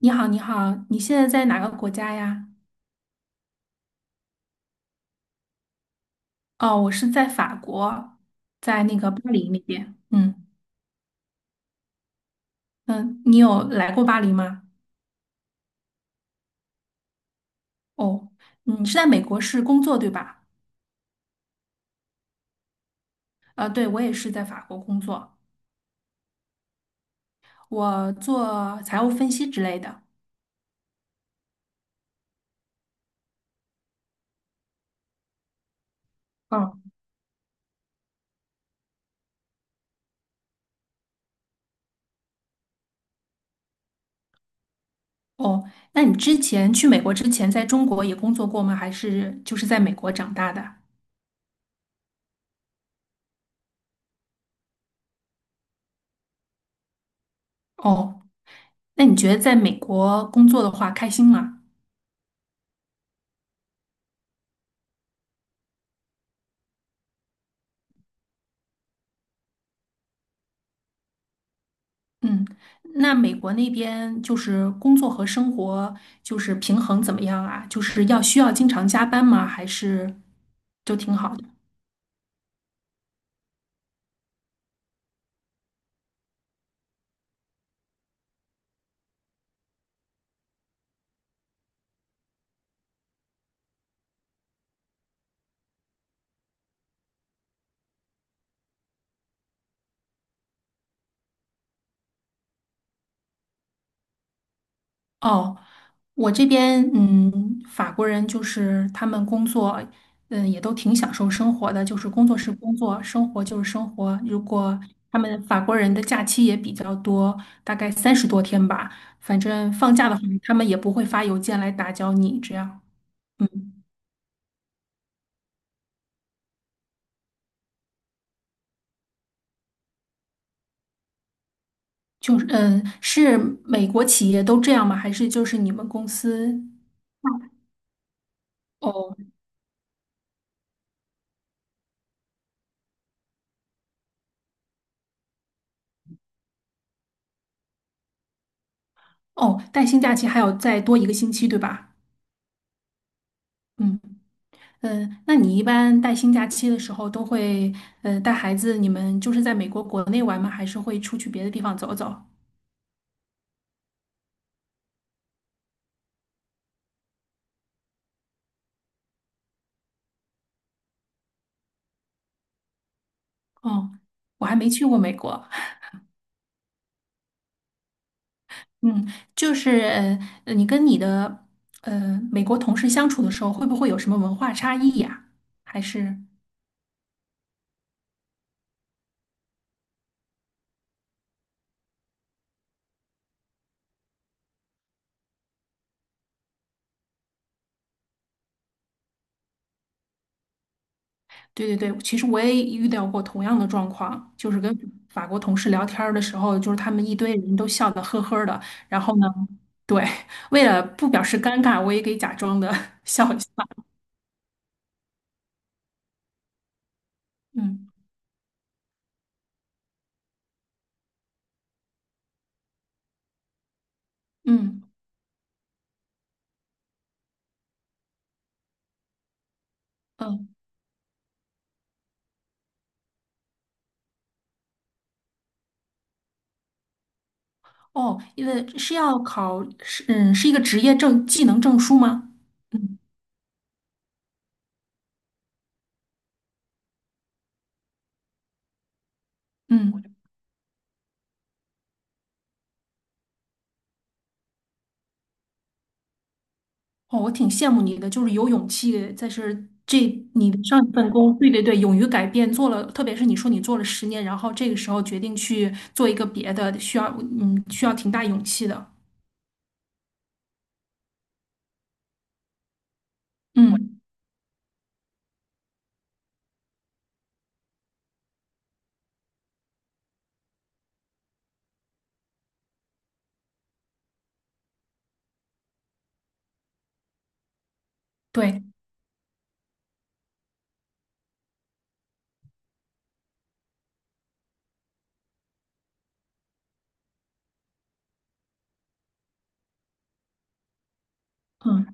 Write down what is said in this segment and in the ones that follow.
你好，你好，你现在在哪个国家呀？哦，我是在法国，在那个巴黎那边。嗯嗯，你有来过巴黎吗？哦，你是在美国是工作对吧？对，我也是在法国工作，我做财务分析之类的。嗯，哦，那你之前去美国之前在中国也工作过吗？还是就是在美国长大的？哦，那你觉得在美国工作的话开心吗？嗯，那美国那边就是工作和生活就是平衡怎么样啊？就是要需要经常加班吗？还是就挺好的？哦，我这边法国人就是他们工作也都挺享受生活的，就是工作是工作，生活就是生活。如果他们法国人的假期也比较多，大概30多天吧，反正放假的话，他们也不会发邮件来打搅你，这样。嗯。就是是美国企业都这样吗？还是就是你们公司？哦哦，带薪假期还有再多一个星期，对吧？嗯嗯，那你一般带薪假期的时候都会带孩子，你们就是在美国国内玩吗？还是会出去别的地方走走？哦，我还没去过美国。嗯，就是你跟你的美国同事相处的时候，会不会有什么文化差异呀？还是？对对对，其实我也遇到过同样的状况，就是跟法国同事聊天儿的时候，就是他们一堆人都笑得呵呵的，然后呢，对，为了不表示尴尬，我也给假装的 笑一下。嗯嗯嗯，哦，因为是要考是是一个职业证技能证书吗？嗯嗯。哦，我挺羡慕你的，就是有勇气，在是这你的上一份工，对对对，勇于改变，做了，特别是你说你做了10年，然后这个时候决定去做一个别的，需要需要挺大勇气的，嗯，对，嗯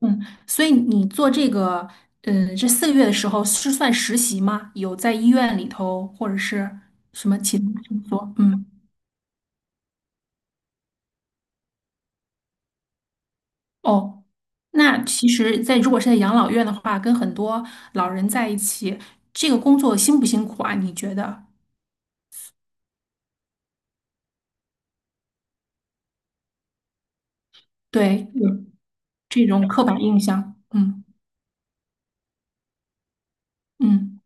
嗯，所以你做这个，嗯，这四个月的时候是算实习吗？有在医院里头或者是什么其他工作？嗯哦，那其实在，如果是在养老院的话，跟很多老人在一起，这个工作辛不辛苦啊？你觉得？对，有这种刻板印象，嗯嗯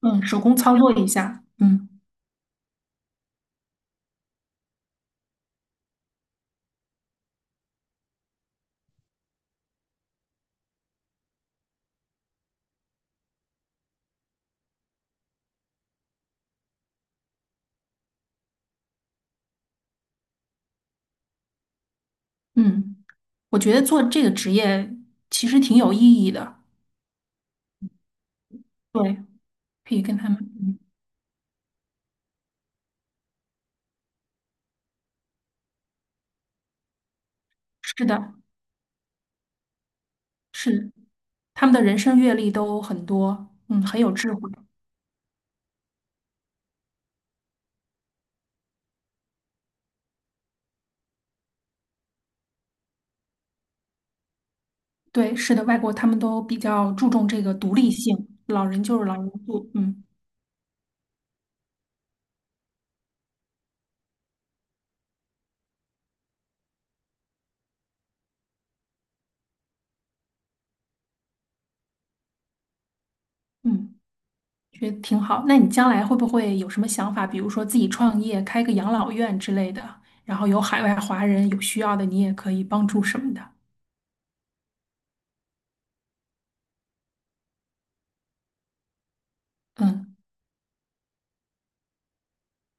嗯，手工操作一下，嗯嗯，我觉得做这个职业其实挺有意义的，对，可以跟他们，嗯，是的，是的，他们的人生阅历都很多，嗯，很有智慧，对，是的，外国他们都比较注重这个独立性，老人就是老人住，嗯嗯。觉得挺好。那你将来会不会有什么想法？比如说自己创业，开个养老院之类的，然后有海外华人有需要的，你也可以帮助什么的。嗯，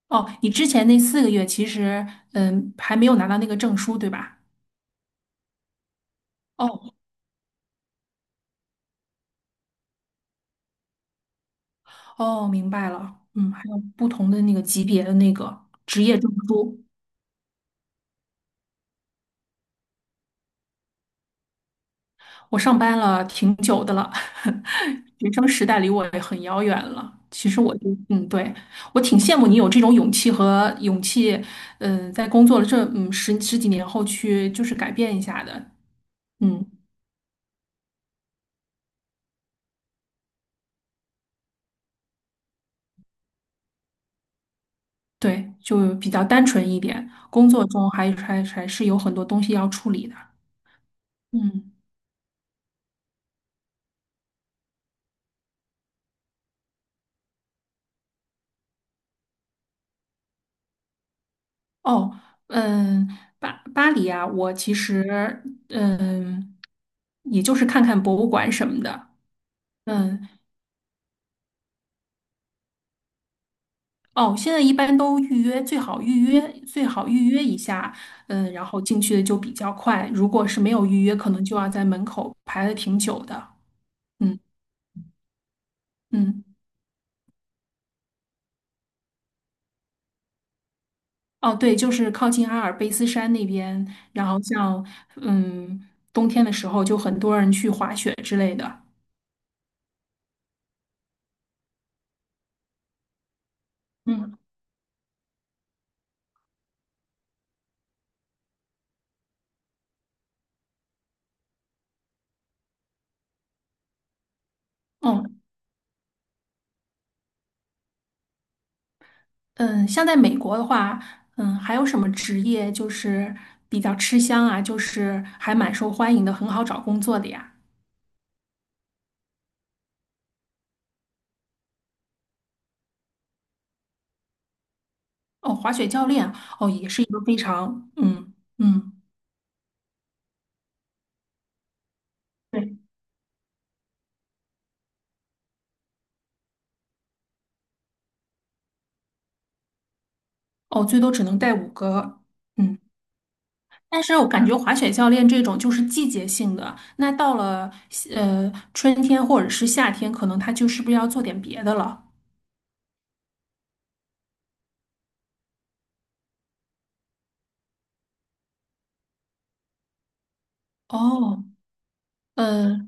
哦，你之前那四个月其实，嗯，还没有拿到那个证书，对吧？哦哦，明白了。嗯，还有不同的那个级别的那个职业证书。我上班了挺久的了，学生时代离我也很遥远了。其实我就，嗯，对，我挺羡慕你有这种勇气和勇气，嗯、在工作了这十几年后去就是改变一下的，嗯，对，就比较单纯一点。工作中还是有很多东西要处理的，嗯，哦，嗯，巴黎啊，我其实嗯，也就是看看博物馆什么的。嗯，哦，现在一般都预约，最好预约，最好预约一下，嗯，然后进去的就比较快。如果是没有预约，可能就要在门口排的挺久的。嗯嗯，哦，对，就是靠近阿尔卑斯山那边，然后像嗯冬天的时候，就很多人去滑雪之类的。嗯嗯嗯，像在美国的话，嗯，还有什么职业就是比较吃香啊，就是还蛮受欢迎的，很好找工作的呀？哦，滑雪教练哦，也是一个非常对哦，最多只能带五个嗯，但是我感觉滑雪教练这种就是季节性的，那到了春天或者是夏天，可能他就是不是要做点别的了？哦，呃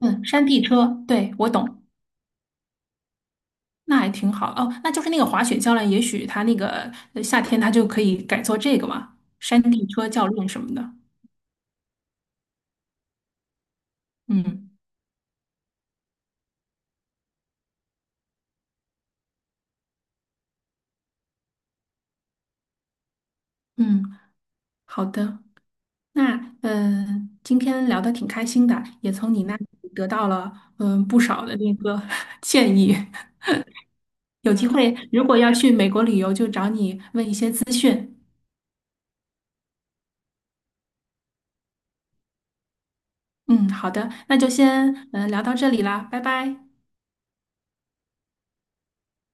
嗯，山地车，对，我懂，那还挺好哦，那就是那个滑雪教练，也许他那个夏天他就可以改做这个嘛，山地车教练什么的，嗯嗯，好的。那今天聊得挺开心的，也从你那里得到了不少的那个 建议。有机会如果要去美国旅游，就找你问一些资讯。嗯，好的，那就先聊到这里啦，拜拜。